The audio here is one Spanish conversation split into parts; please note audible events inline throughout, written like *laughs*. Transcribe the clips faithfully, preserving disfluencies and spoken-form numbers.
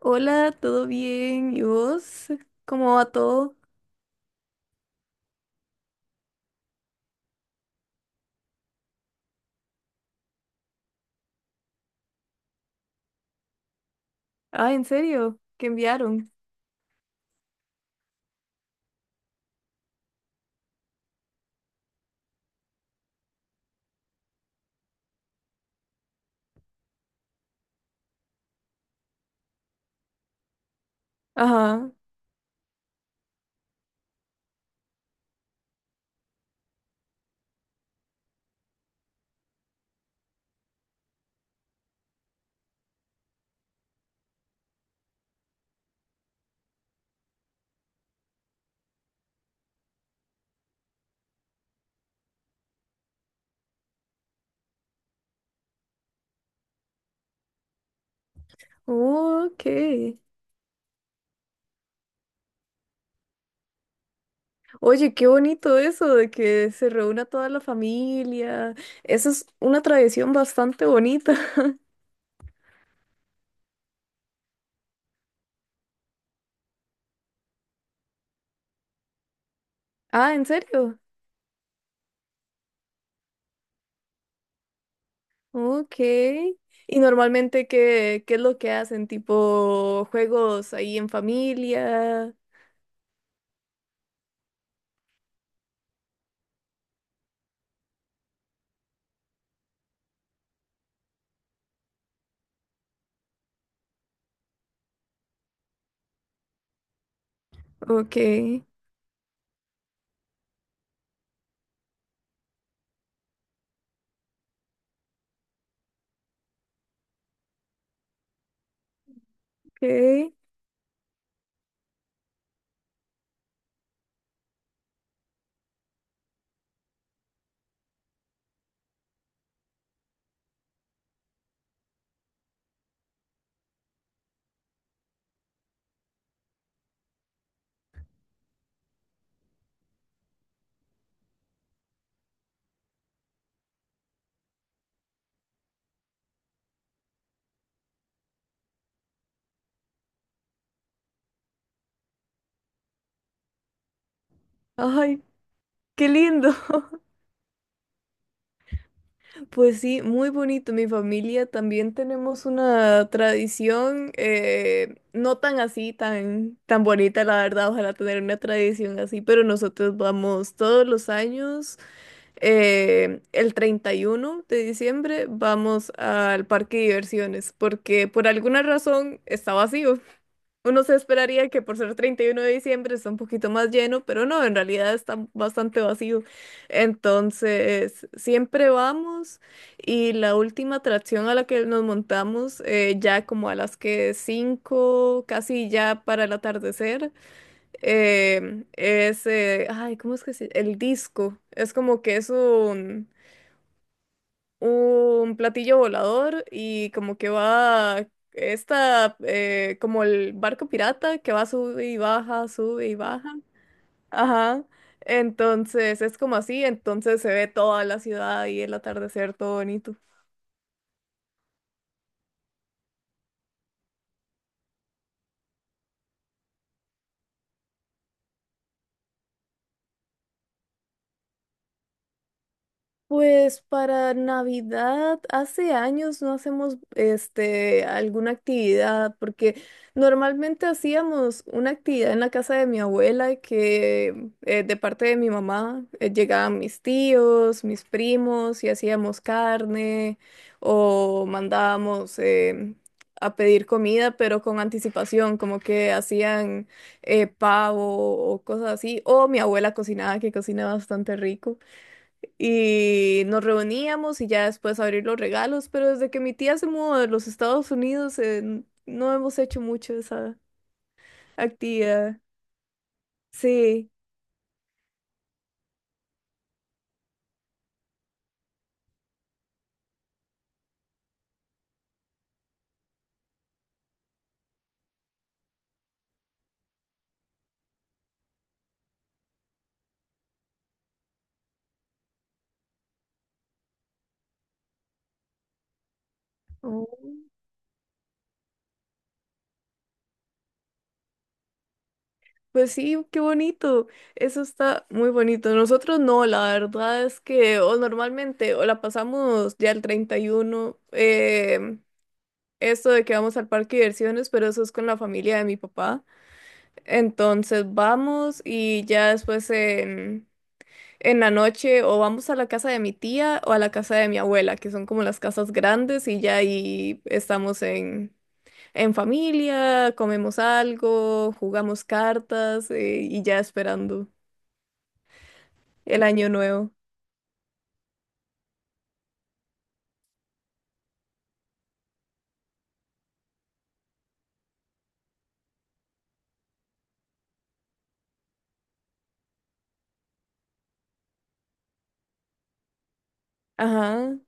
Hola, ¿todo bien? ¿Y vos? ¿Cómo va todo? Ah, ¿en serio? ¿Qué enviaron? Ajá. Oh, ok. Oye, qué bonito eso de que se reúna toda la familia. Eso es una tradición bastante bonita. *laughs* Ah, ¿en serio? Ok. ¿Y normalmente qué, qué es lo que hacen? ¿Tipo juegos ahí en familia? Ok, ok. Ay, qué lindo. *laughs* Pues sí, muy bonito. Mi familia también tenemos una tradición, eh, no tan así, tan, tan bonita, la verdad. Ojalá tener una tradición así, pero nosotros vamos todos los años, eh, el treinta y uno de diciembre, vamos al parque de diversiones, porque por alguna razón está vacío. Uno se esperaría que por ser treinta y uno de diciembre está un poquito más lleno, pero no, en realidad está bastante vacío. Entonces, siempre vamos y la última atracción a la que nos montamos, eh, ya como a las que cinco casi ya para el atardecer, em, es, eh, ay, ¿cómo es que se El disco. Es como que es un un platillo volador y como que va esta, eh, como el barco pirata que va sube y baja, sube y baja. Ajá. Entonces es como así, entonces se ve toda la ciudad y el atardecer todo bonito. Pues para Navidad, hace años no hacemos este alguna actividad, porque normalmente hacíamos una actividad en la casa de mi abuela que eh, de parte de mi mamá eh, llegaban mis tíos, mis primos y hacíamos carne o mandábamos em, a pedir comida, pero con anticipación, como que hacían eh, pavo o cosas así, o mi abuela cocinaba, que cocina bastante rico. Y nos reuníamos y ya después abrir los regalos, pero desde que mi tía se mudó de los Estados Unidos, eh, n- no hemos hecho mucho esa actividad. Sí. Oh, pues sí, qué bonito. Eso está muy bonito. Nosotros no, la verdad es que o normalmente o la pasamos ya el treinta y uno, eh, esto de que vamos al parque de diversiones, pero eso es con la familia de mi papá. Entonces vamos y ya después en en la noche o vamos a la casa de mi tía o a la casa de mi abuela, que son como las casas grandes y ya ahí estamos en, en familia, comemos algo, jugamos cartas eh, y ya esperando el año nuevo. Ajá,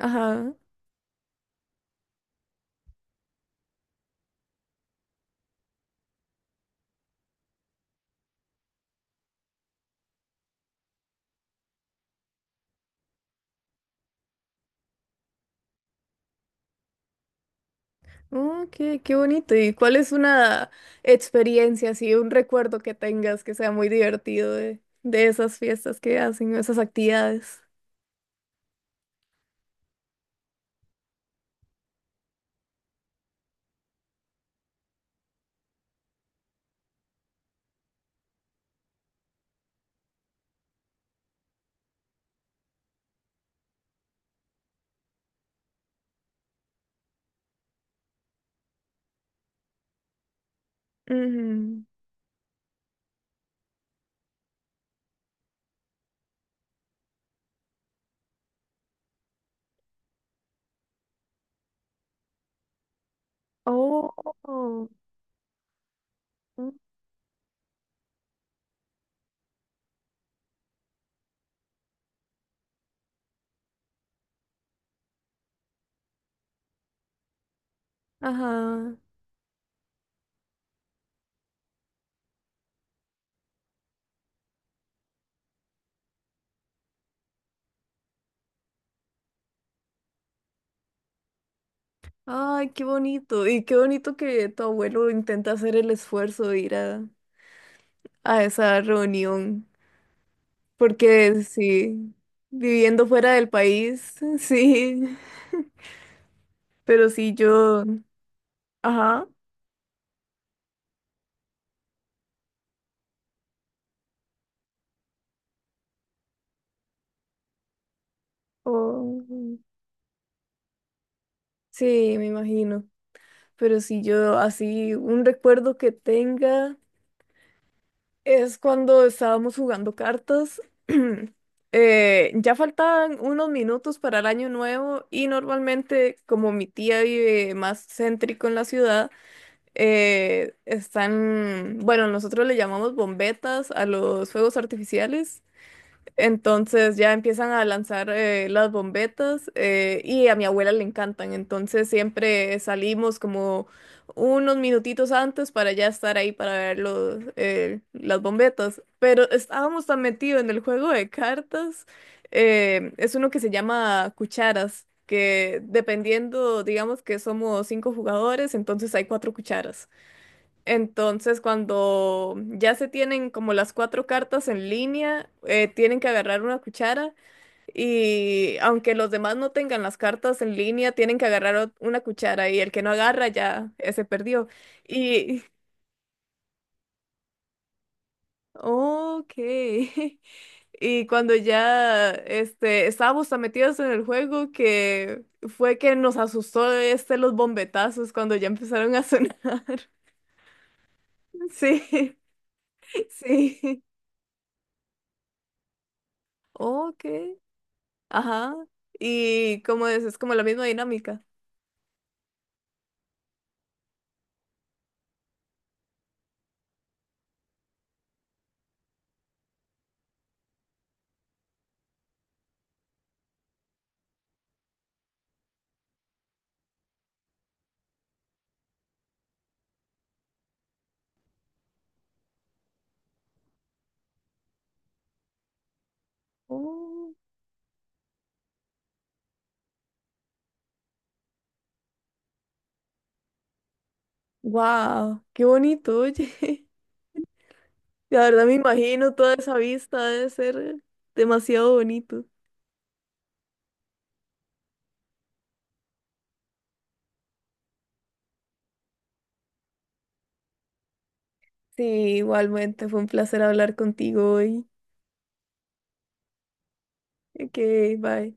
ajá. Oh, qué, qué bonito. ¿Y cuál es una experiencia, así, un recuerdo que tengas que sea muy divertido de, de esas fiestas que hacen, esas actividades? Ujú. Oh. Ajá. Ay, qué bonito. Y qué bonito que tu abuelo intenta hacer el esfuerzo de ir a, a esa reunión. Porque sí, viviendo fuera del país, *laughs* sí. Pero sí yo, ajá. o- sí, me imagino. Pero si yo así, un recuerdo que tenga. Es cuando estábamos jugando cartas. *clears throat* Eh, ya faltaban unos minutos para el año nuevo y normalmente como mi tía vive más céntrico en la ciudad, eh, están, bueno, nosotros le llamamos bombetas a los fuegos artificiales. Entonces ya empiezan a lanzar eh, las bombetas eh, y a mi abuela le encantan. Entonces siempre salimos como unos minutitos antes para ya estar ahí para ver los, eh, las bombetas. Pero estábamos tan metidos en el juego de cartas. Eh, es uno que se llama cucharas, que dependiendo, digamos que somos cinco jugadores, entonces hay cuatro cucharas. Entonces, cuando ya se tienen como las cuatro cartas en línea, eh, tienen que agarrar una cuchara y aunque los demás no tengan las cartas en línea, tienen que agarrar ot- una cuchara y el que no agarra ya eh, se perdió. Y, ok. *laughs* Y cuando ya este, estábamos tan metidos en el juego que fue que nos asustó este, los bombetazos cuando ya empezaron a sonar. *laughs* Sí, sí. Ok. Ajá. Y como es, es como la misma dinámica. Oh, wow, qué bonito, oye. *laughs* La verdad me imagino toda esa vista, debe ser demasiado bonito. Sí, igualmente, fue un placer hablar contigo hoy. Ok, bye.